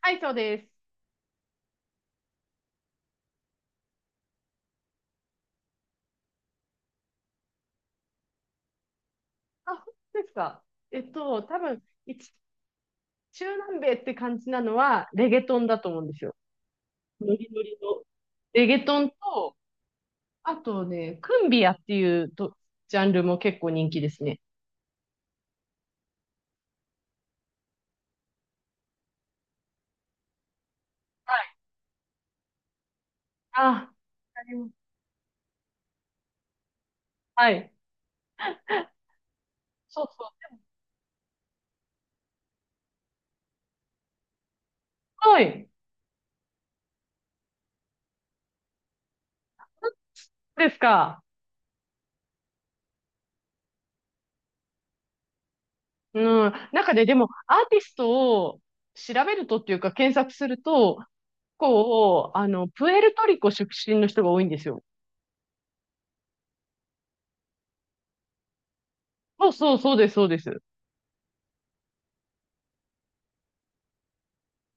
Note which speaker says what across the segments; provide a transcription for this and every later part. Speaker 1: はい、そうです。あ、本当ですか。多分、一、中南米って感じなのは、レゲトンだと思うんですよ。ノリノリの。レゲトンと、あとね、クンビアっていうと、ジャンルも結構人気ですね。はい。あ、わかります。はい。そうそう。はい。そうですか。うん。中で、でも、アーティストを調べるとっていうか、検索すると、こう、プエルトリコ出身の人が多いんですよ。そうそう、そうです、そうです。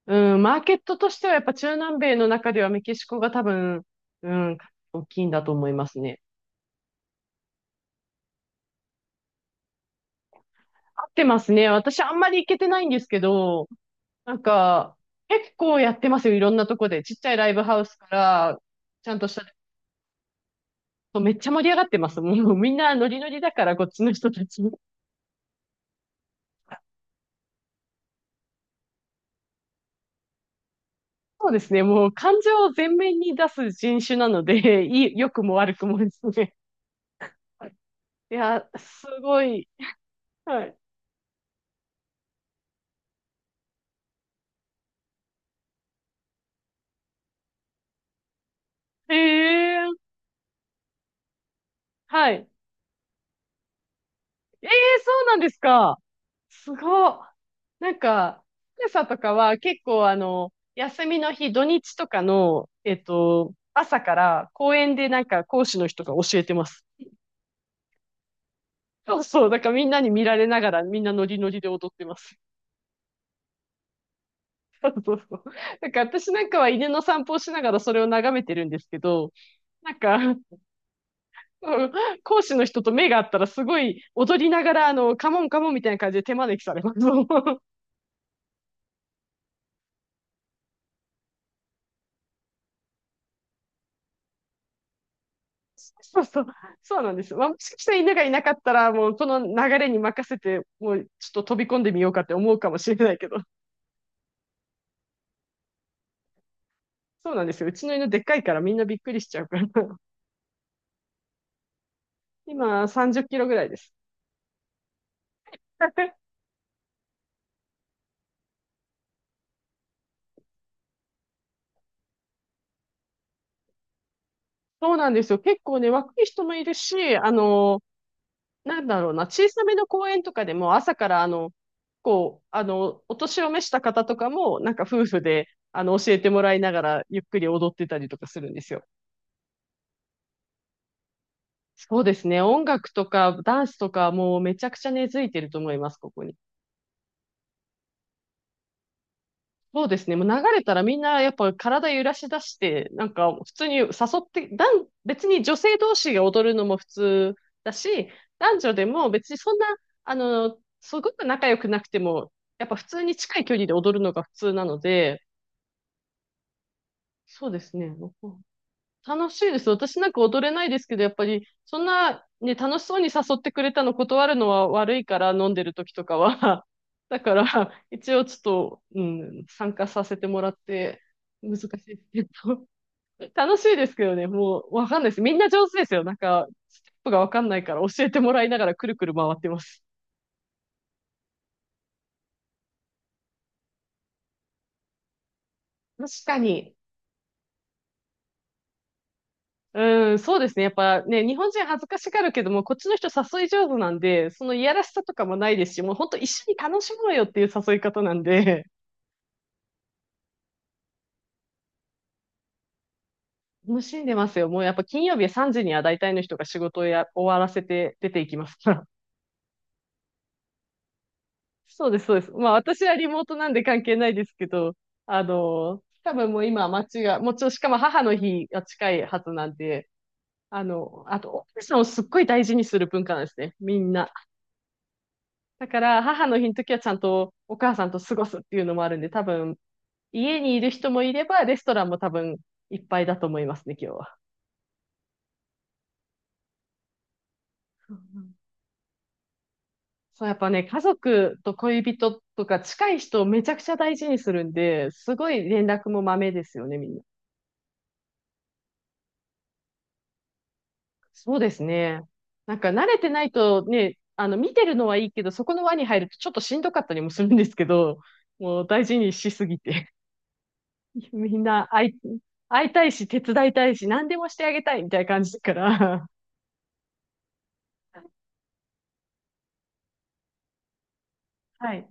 Speaker 1: うん、マーケットとしてはやっぱ中南米の中ではメキシコが多分、うん、大きいんだと思いますね。合ってますね。私あんまり行けてないんですけど、なんか、結構やってますよ。いろんなとこで。ちっちゃいライブハウスから、ちゃんとした、そうめっちゃ盛り上がってます。もうみんなノリノリだから、こっちの人たち。そうですね。もう感情を前面に出す人種なので、いい、良くも悪くもですね。いや、すごい。はい。ええ。はい。ええ、そうなんですか。すごっ。なんか、福とかは結構休みの日、土日とかの、朝から公園でなんか講師の人が教えてます。そうそう。だからみんなに見られながらみんなノリノリで踊ってます。そうそうそう。なんか私なんかは犬の散歩をしながらそれを眺めてるんですけど、なんか、うん、講師の人と目が合ったらすごい踊りながらカモンカモンみたいな感じで手招きされます。そうそう、そうなんです。まあ、もしかしたら犬がいなかったら、もうこの流れに任せて、もうちょっと飛び込んでみようかって思うかもしれないけど、そうなんですよ。うちの犬でっかいからみんなびっくりしちゃうから。今、30キロぐらいです。そうなんですよ。結構ね、若い人もいるし、なんだろうな、小さめの公園とかでも朝から、こう、お年を召した方とかも、なんか夫婦で、教えてもらいながら、ゆっくり踊ってたりとかするんですよ。そうですね。音楽とかダンスとかもうめちゃくちゃ根付いてると思います、ここに。そうですね。もう流れたらみんなやっぱ体揺らし出して、なんか普通に誘って、男別に女性同士が踊るのも普通だし、男女でも別にそんな、すごく仲良くなくても、やっぱ普通に近い距離で踊るのが普通なので、そうですね。楽しいです。私なんか踊れないですけど、やっぱり、そんな、ね、楽しそうに誘ってくれたの断るのは悪いから、飲んでる時とかは。だから、一応ちょっと、うん、参加させてもらって、難しいですけど。楽しいですけどね、もう、わかんないです。みんな上手ですよ。なんか、ステップがわかんないから、教えてもらいながらくるくる回ってます。確かに。うん、そうですね。やっぱね、日本人恥ずかしがるけども、こっちの人誘い上手なんで、そのいやらしさとかもないですし、もう本当一緒に楽しもうよっていう誘い方なんで、楽しんでますよ。もうやっぱ金曜日3時には大体の人が仕事をや終わらせて出ていきますから。そうです、そうです。まあ私はリモートなんで関係ないですけど、多分もう今街が、もうちろんしかも母の日が近いはずなんで、あと、奥さんをすっごい大事にする文化なんですね。みんな。だから母の日の時はちゃんとお母さんと過ごすっていうのもあるんで、多分家にいる人もいれば、レストランも多分いっぱいだと思いますね、今日は。うんうん、そう、やっぱね、家族と恋人とか近い人をめちゃくちゃ大事にするんで、すごい連絡もまめですよね、みんな。そうですね。なんか慣れてないとね、見てるのはいいけど、そこの輪に入るとちょっとしんどかったりもするんですけど、もう大事にしすぎて。みんな会い、会いたいし、手伝いたいし、何でもしてあげたいみたいな感じだから。はい。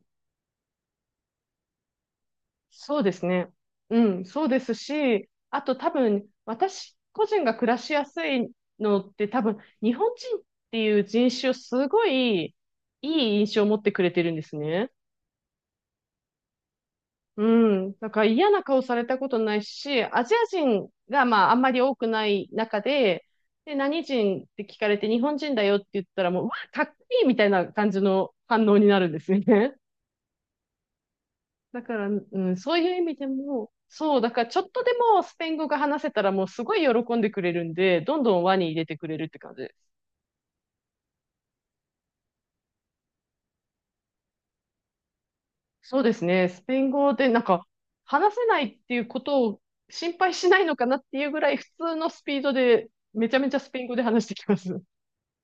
Speaker 1: そうですね。うん、そうですし、あと多分、私個人が暮らしやすいのって多分、日本人っていう人種をすごいいい印象を持ってくれてるんですね。うん。だから嫌な顔されたことないし、アジア人がまああんまり多くない中で、で、何人って聞かれて日本人だよって言ったらもう、うわ、かっこいいみたいな感じの反応になるんですよね。だから、うん、そういう意味でも、そう、だからちょっとでもスペイン語が話せたらもうすごい喜んでくれるんで、どんどん輪に入れてくれるって感じです。そうですね。スペイン語でなんか話せないっていうことを心配しないのかなっていうぐらい普通のスピードでめちゃめちゃスペイン語で話してきます。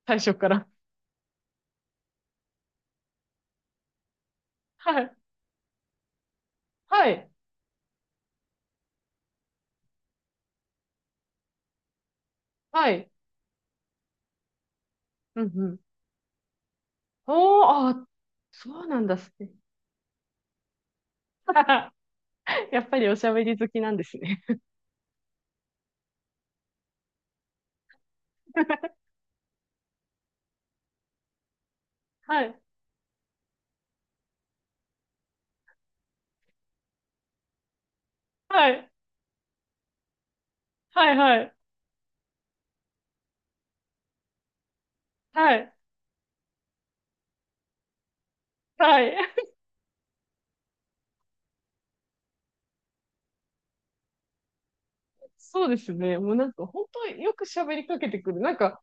Speaker 1: 最初から。はい。はい。はい。うんうん。おー、あ、そうなんだっすね。やっぱりおしゃべり好きなんですね。はい。はい。はい。はい。はい。はい。そうですね。もうなんか本当よく喋りかけてくる。なんか、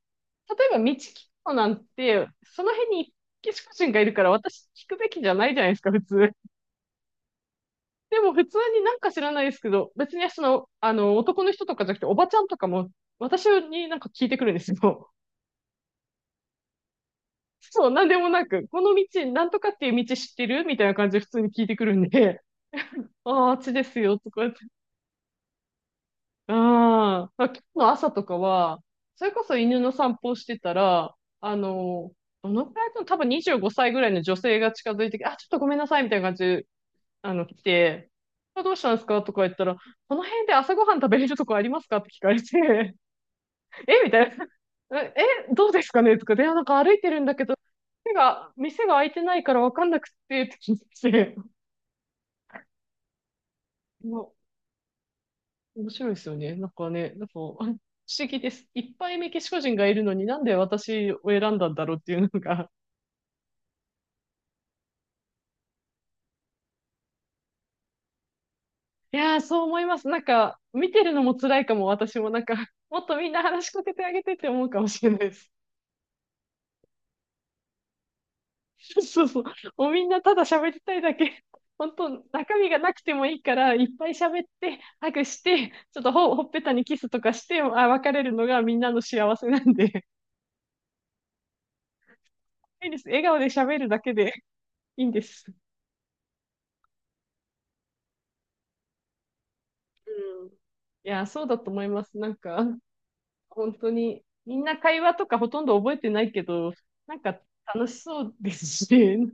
Speaker 1: 例えば道聞くのなんて、その辺にメキシコ人がいるから私聞くべきじゃないじゃないですか、普通。でも普通になんか知らないですけど、別にその、男の人とかじゃなくて、おばちゃんとかも、私になんか聞いてくるんですよ。そう、なんでもなく、この道、なんとかっていう道知ってるみたいな感じで普通に聞いてくるんで、ああ、あっちですよ、とか言って。ああ、今日の朝とかは、それこそ犬の散歩をしてたら、あの、どのくらいの、多分25歳ぐらいの女性が近づいてきて、あ、ちょっとごめんなさい、みたいな感じで、来て、あどうしたんですかとか言ったら、この辺で朝ごはん食べれるとこありますかって聞かれて、えみたいな。え、えどうですかねとか、で、なんか歩いてるんだけど、店が開いてないからわかんなくて、って聞いて、もう面白いですよね。なんかね、なんか、不思議です。いっぱいメキシコ人がいるのになんで私を選んだんだろうっていうのが。いやー、そう思います。なんか、見てるのも辛いかも、私もなんか、もっとみんな話しかけてあげてって思うかもしれないです。そうそう。もうみんなただ喋りたいだけ。本当、中身がなくてもいいから、いっぱい喋って、ハグして、ちょっとほ、ほっぺたにキスとかして、あ、別れるのがみんなの幸せなんで。いいです。笑顔で喋るだけでいいんです。うん。いや、そうだと思います。なんか、本当に、みんな会話とかほとんど覚えてないけど、なんか楽しそうですしね、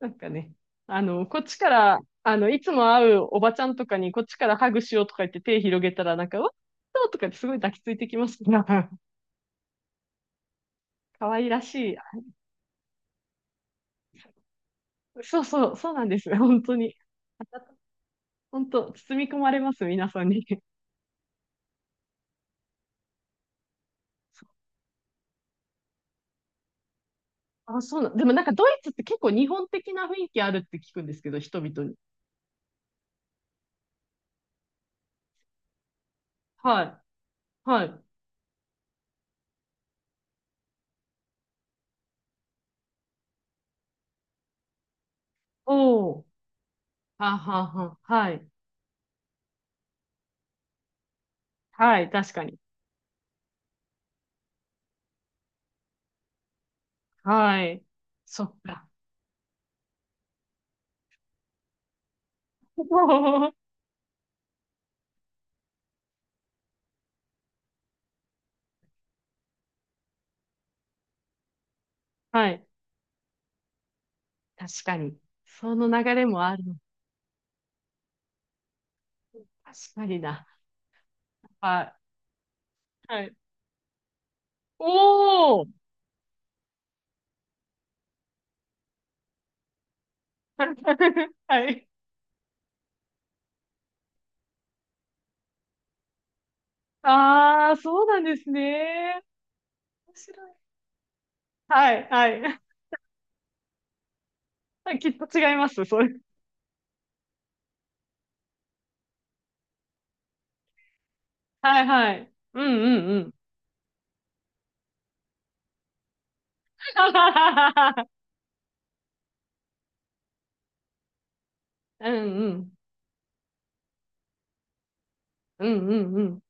Speaker 1: なんかね、こっちから、いつも会うおばちゃんとかに、こっちからハグしようとか言って手広げたら、なんか、わっそうとかってすごい抱きついてきますから、可愛らしい。そうそう、そうなんです本当に。本当、包み込まれます、皆さんに。そう、あ、そうな、でもなんかドイツって結構日本的な雰囲気あるって聞くんですけど、人々に。はい、はい。おお、ははは、はい、はい、確かに。はい、そっか。はい。確かに。その流れもあるの。確かにな。あ、はい。おー。 はい。ああ、そうなんですね。面白い。はい、はい。きっと違います、それ。はい、はい。うん、うん、うん。うん、うん。うん、うん、うん。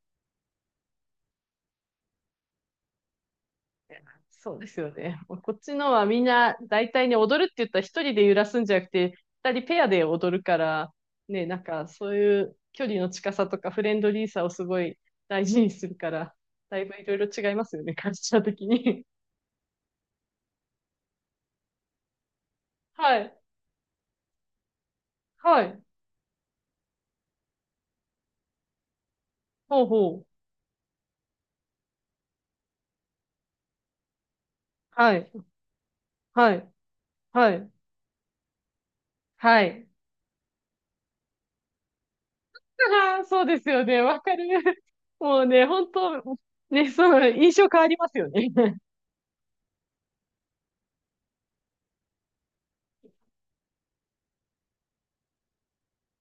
Speaker 1: そうですよね。もうこっちのはみんな大体ね、踊るって言ったら一人で揺らすんじゃなくて、二人ペアで踊るから、ね、なんかそういう距離の近さとかフレンドリーさをすごい大事にするから、だいぶいろいろ違いますよね、カルチャー的に。はい。はい。ほうほう。はい。はい。はい。はい。ああ、そうですよね。わかる。もうね、本当ね、その印象変わりますよね。